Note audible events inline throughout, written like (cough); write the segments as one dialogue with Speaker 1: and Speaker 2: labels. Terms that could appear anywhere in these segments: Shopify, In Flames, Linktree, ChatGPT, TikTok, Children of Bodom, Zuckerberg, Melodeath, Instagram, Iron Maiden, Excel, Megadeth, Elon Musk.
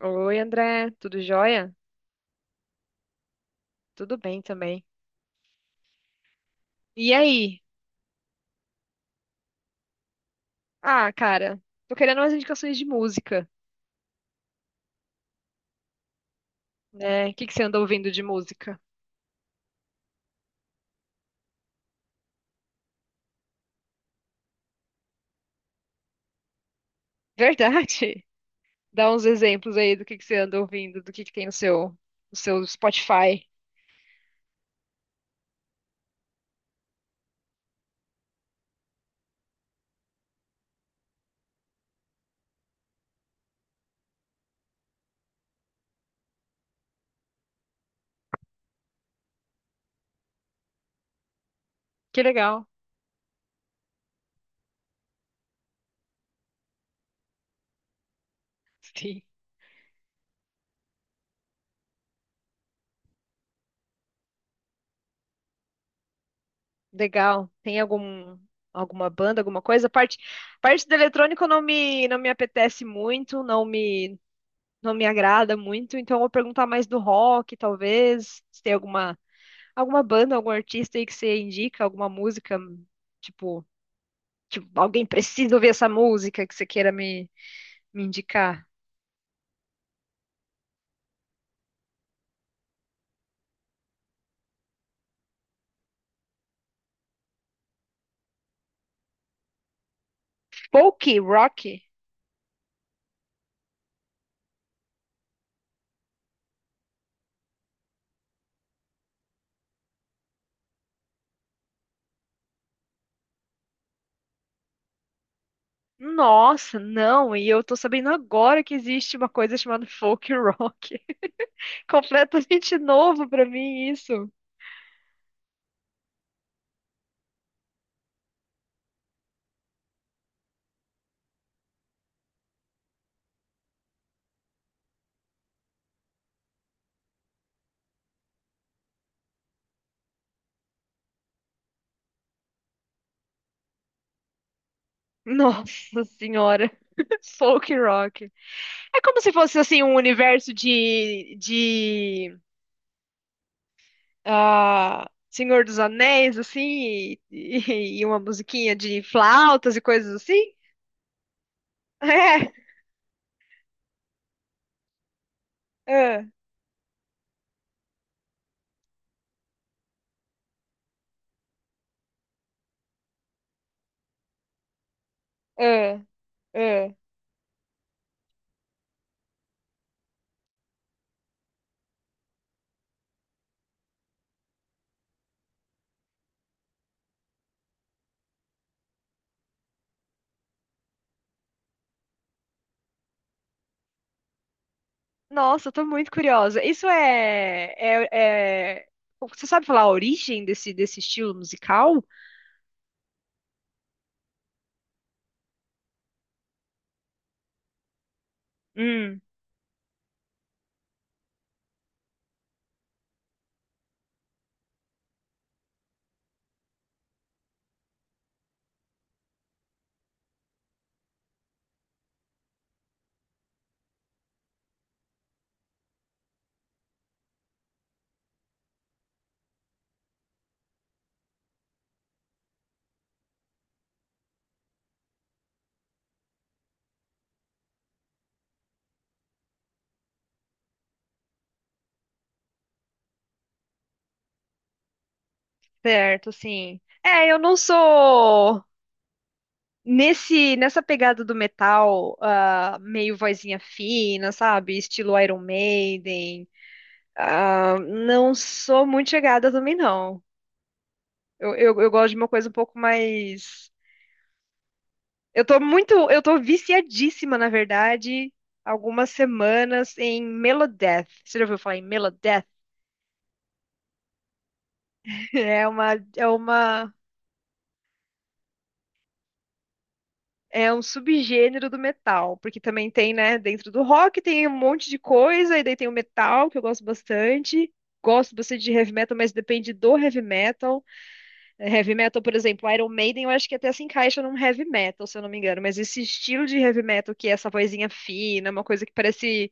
Speaker 1: Oi, André, tudo jóia? Tudo bem também. E aí? Ah, cara, tô querendo umas indicações de música, né? O que que você anda ouvindo de música? (laughs) Verdade? Dá uns exemplos aí do que você anda ouvindo, do que tem no seu, no seu Spotify. Que legal. (laughs) Sim. Legal. Tem algum, alguma banda, alguma coisa? A parte, a parte do eletrônico não me apetece muito, não me agrada muito, então eu vou perguntar mais do rock, talvez. Se tem alguma. Alguma banda, algum artista aí que você indica, alguma música, tipo, tipo, alguém precisa ouvir essa música que você queira me indicar? Folk, rock? Nossa, não, e eu tô sabendo agora que existe uma coisa chamada folk rock. (laughs) Completamente novo pra mim isso. Nossa senhora, (laughs) folk rock. É como se fosse assim um universo de ah, Senhor dos Anéis, assim, e (laughs) e uma musiquinha de flautas e coisas assim? (laughs) É, é, é, é. Nossa, eu tô muito curiosa. Isso é- Você sabe falar a origem desse estilo musical? Hum, certo, sim. É, eu não sou nesse nessa pegada do metal, ah, meio vozinha fina, sabe? Estilo Iron Maiden. Ah, não sou muito chegada também, não. Eu gosto de uma coisa um pouco mais. Eu tô muito. Eu tô viciadíssima, na verdade, algumas semanas em Melodeath. Você já ouviu falar em Melodeath? (laughs) É uma, é uma, é um subgênero do metal, porque também tem, né, dentro do rock tem um monte de coisa, e daí tem o metal, que eu gosto bastante. Gosto bastante de heavy metal, mas depende do heavy metal. Heavy metal, por exemplo, Iron Maiden, eu acho que até se encaixa num heavy metal, se eu não me engano. Mas esse estilo de heavy metal, que é essa vozinha fina, uma coisa que parece.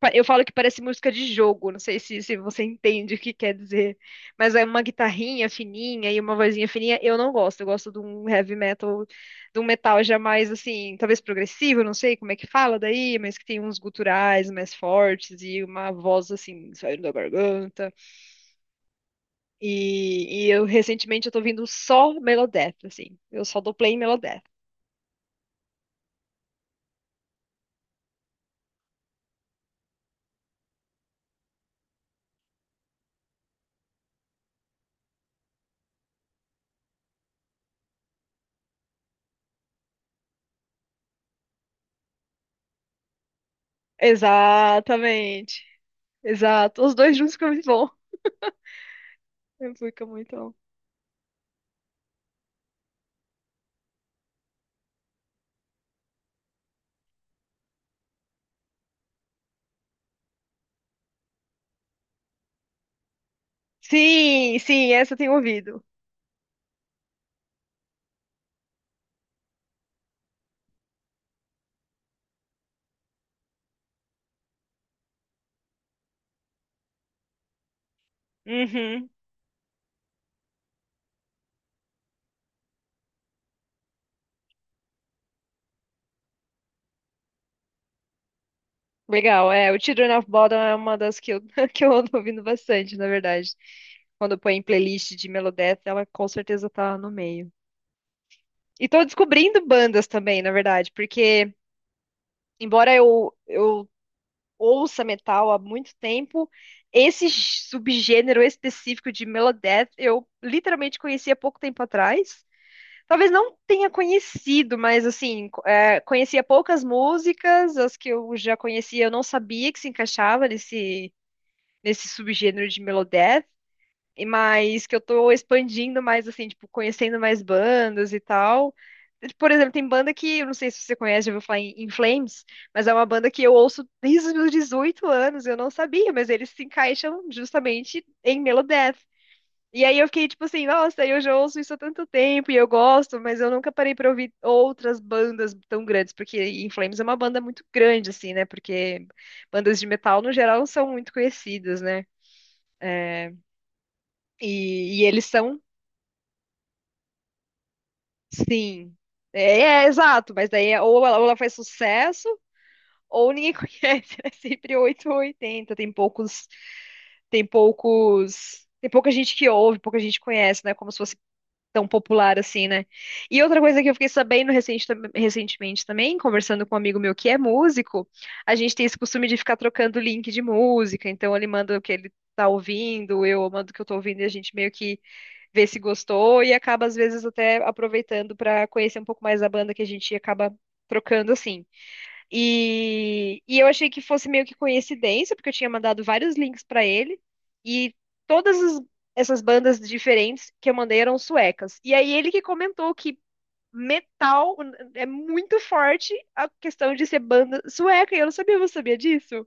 Speaker 1: Eu falo que parece música de jogo, não sei se você entende o que quer dizer. Mas é uma guitarrinha fininha e uma vozinha fininha, eu não gosto. Eu gosto de um heavy metal, de um metal já mais assim, talvez progressivo, não sei como é que fala daí, mas que tem uns guturais mais fortes e uma voz assim, saindo da garganta. E eu recentemente eu tô ouvindo só Megadeth, assim. Eu só dou play em Megadeth. Exatamente. Exato. Os dois juntos ficam muito bom. (laughs) Fica muito bom. Sim, sim, essa eu tenho ouvido. Uhum. Legal, é. O Children of Bodom é uma das que eu, (laughs) que eu ando ouvindo bastante, na verdade. Quando eu ponho em playlist de Megadeth, ela com certeza tá no meio. E tô descobrindo bandas também, na verdade, porque embora eu ouça metal há muito tempo, esse subgênero específico de Melodeath eu literalmente conheci há pouco tempo atrás. Talvez não tenha conhecido, mas assim, é, conhecia poucas músicas, as que eu já conhecia eu não sabia que se encaixava nesse subgênero de Melodeath e mas que eu tô expandindo mais, assim, tipo, conhecendo mais bandas e tal. Por exemplo, tem banda que, eu não sei se você conhece, já ouviu falar em, In Flames, mas é uma banda que eu ouço desde os meus 18 anos, eu não sabia, mas eles se encaixam justamente em Melodeath. E aí eu fiquei tipo assim, nossa, eu já ouço isso há tanto tempo e eu gosto, mas eu nunca parei pra ouvir outras bandas tão grandes, porque In Flames é uma banda muito grande, assim, né? Porque bandas de metal, no geral, não são muito conhecidas, né? É, e eles são Sim. Exato, mas daí é- ou ela faz sucesso ou ninguém (laughs) conhece. É sempre 8 ou 80. Tem pouca gente que ouve, pouca gente conhece, né? Como se fosse tão popular assim, né? E outra coisa que eu fiquei sabendo recentemente também, conversando com um amigo meu que é músico, a gente tem esse costume de ficar trocando link de música, então ele manda o que ele tá ouvindo, eu mando o que eu tô ouvindo e a gente meio que ver se gostou e acaba, às vezes, até aproveitando para conhecer um pouco mais da banda que a gente acaba trocando assim. E eu achei que fosse meio que coincidência, porque eu tinha mandado vários links para ele e todas as- essas bandas diferentes que eu mandei eram suecas. E aí ele que comentou que metal é muito forte a questão de ser banda sueca, e eu não sabia, você sabia disso?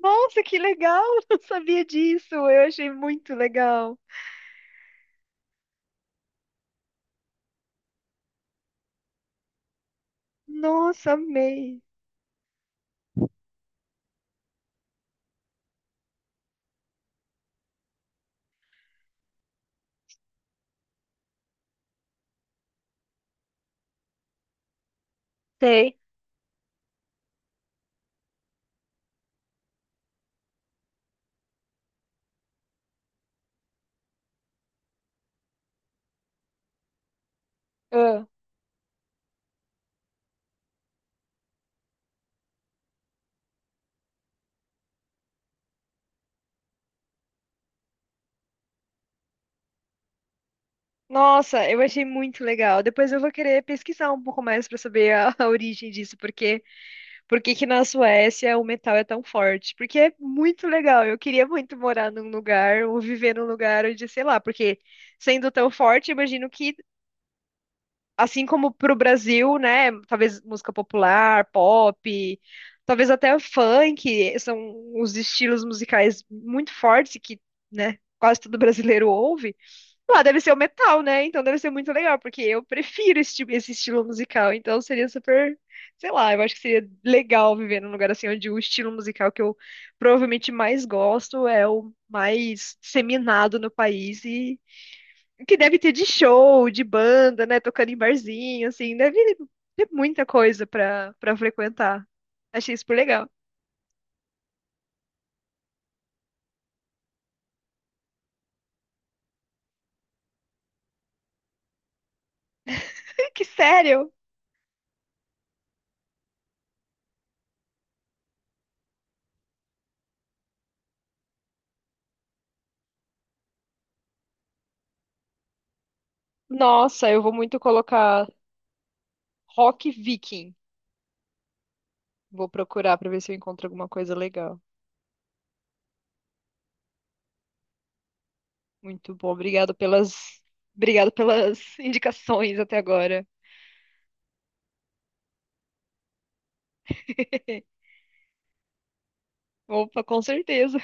Speaker 1: Nossa, que legal! (laughs) Não sabia disso. Eu achei muito legal. Nossa, amei. Sei. Ah, nossa, eu achei muito legal. Depois eu vou querer pesquisar um pouco mais para saber a origem disso, porque por que que na Suécia o metal é tão forte? Porque é muito legal. Eu queria muito morar num lugar ou viver num lugar onde, sei lá, porque sendo tão forte, imagino que assim como pro Brasil, né, talvez música popular, pop, talvez até funk, são os estilos musicais muito fortes que, né, quase todo brasileiro ouve. Ah, deve ser o metal, né? Então deve ser muito legal, porque eu prefiro esse, tipo- esse estilo musical. Então seria super, sei lá, eu acho que seria legal viver num lugar assim onde o estilo musical que eu provavelmente mais gosto é o mais disseminado no país e que deve ter de show, de banda, né? Tocando em barzinho, assim, deve ter muita coisa pra, pra frequentar. Achei super legal. (laughs) Que sério? Nossa, eu vou muito colocar rock viking. Vou procurar pra ver se eu encontro alguma coisa legal. Muito bom, obrigado pelas indicações até agora. (laughs) Opa, com certeza.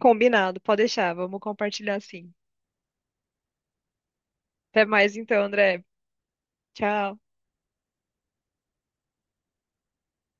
Speaker 1: Combinado, pode deixar, vamos compartilhar sim. Até mais então, André. Tchau.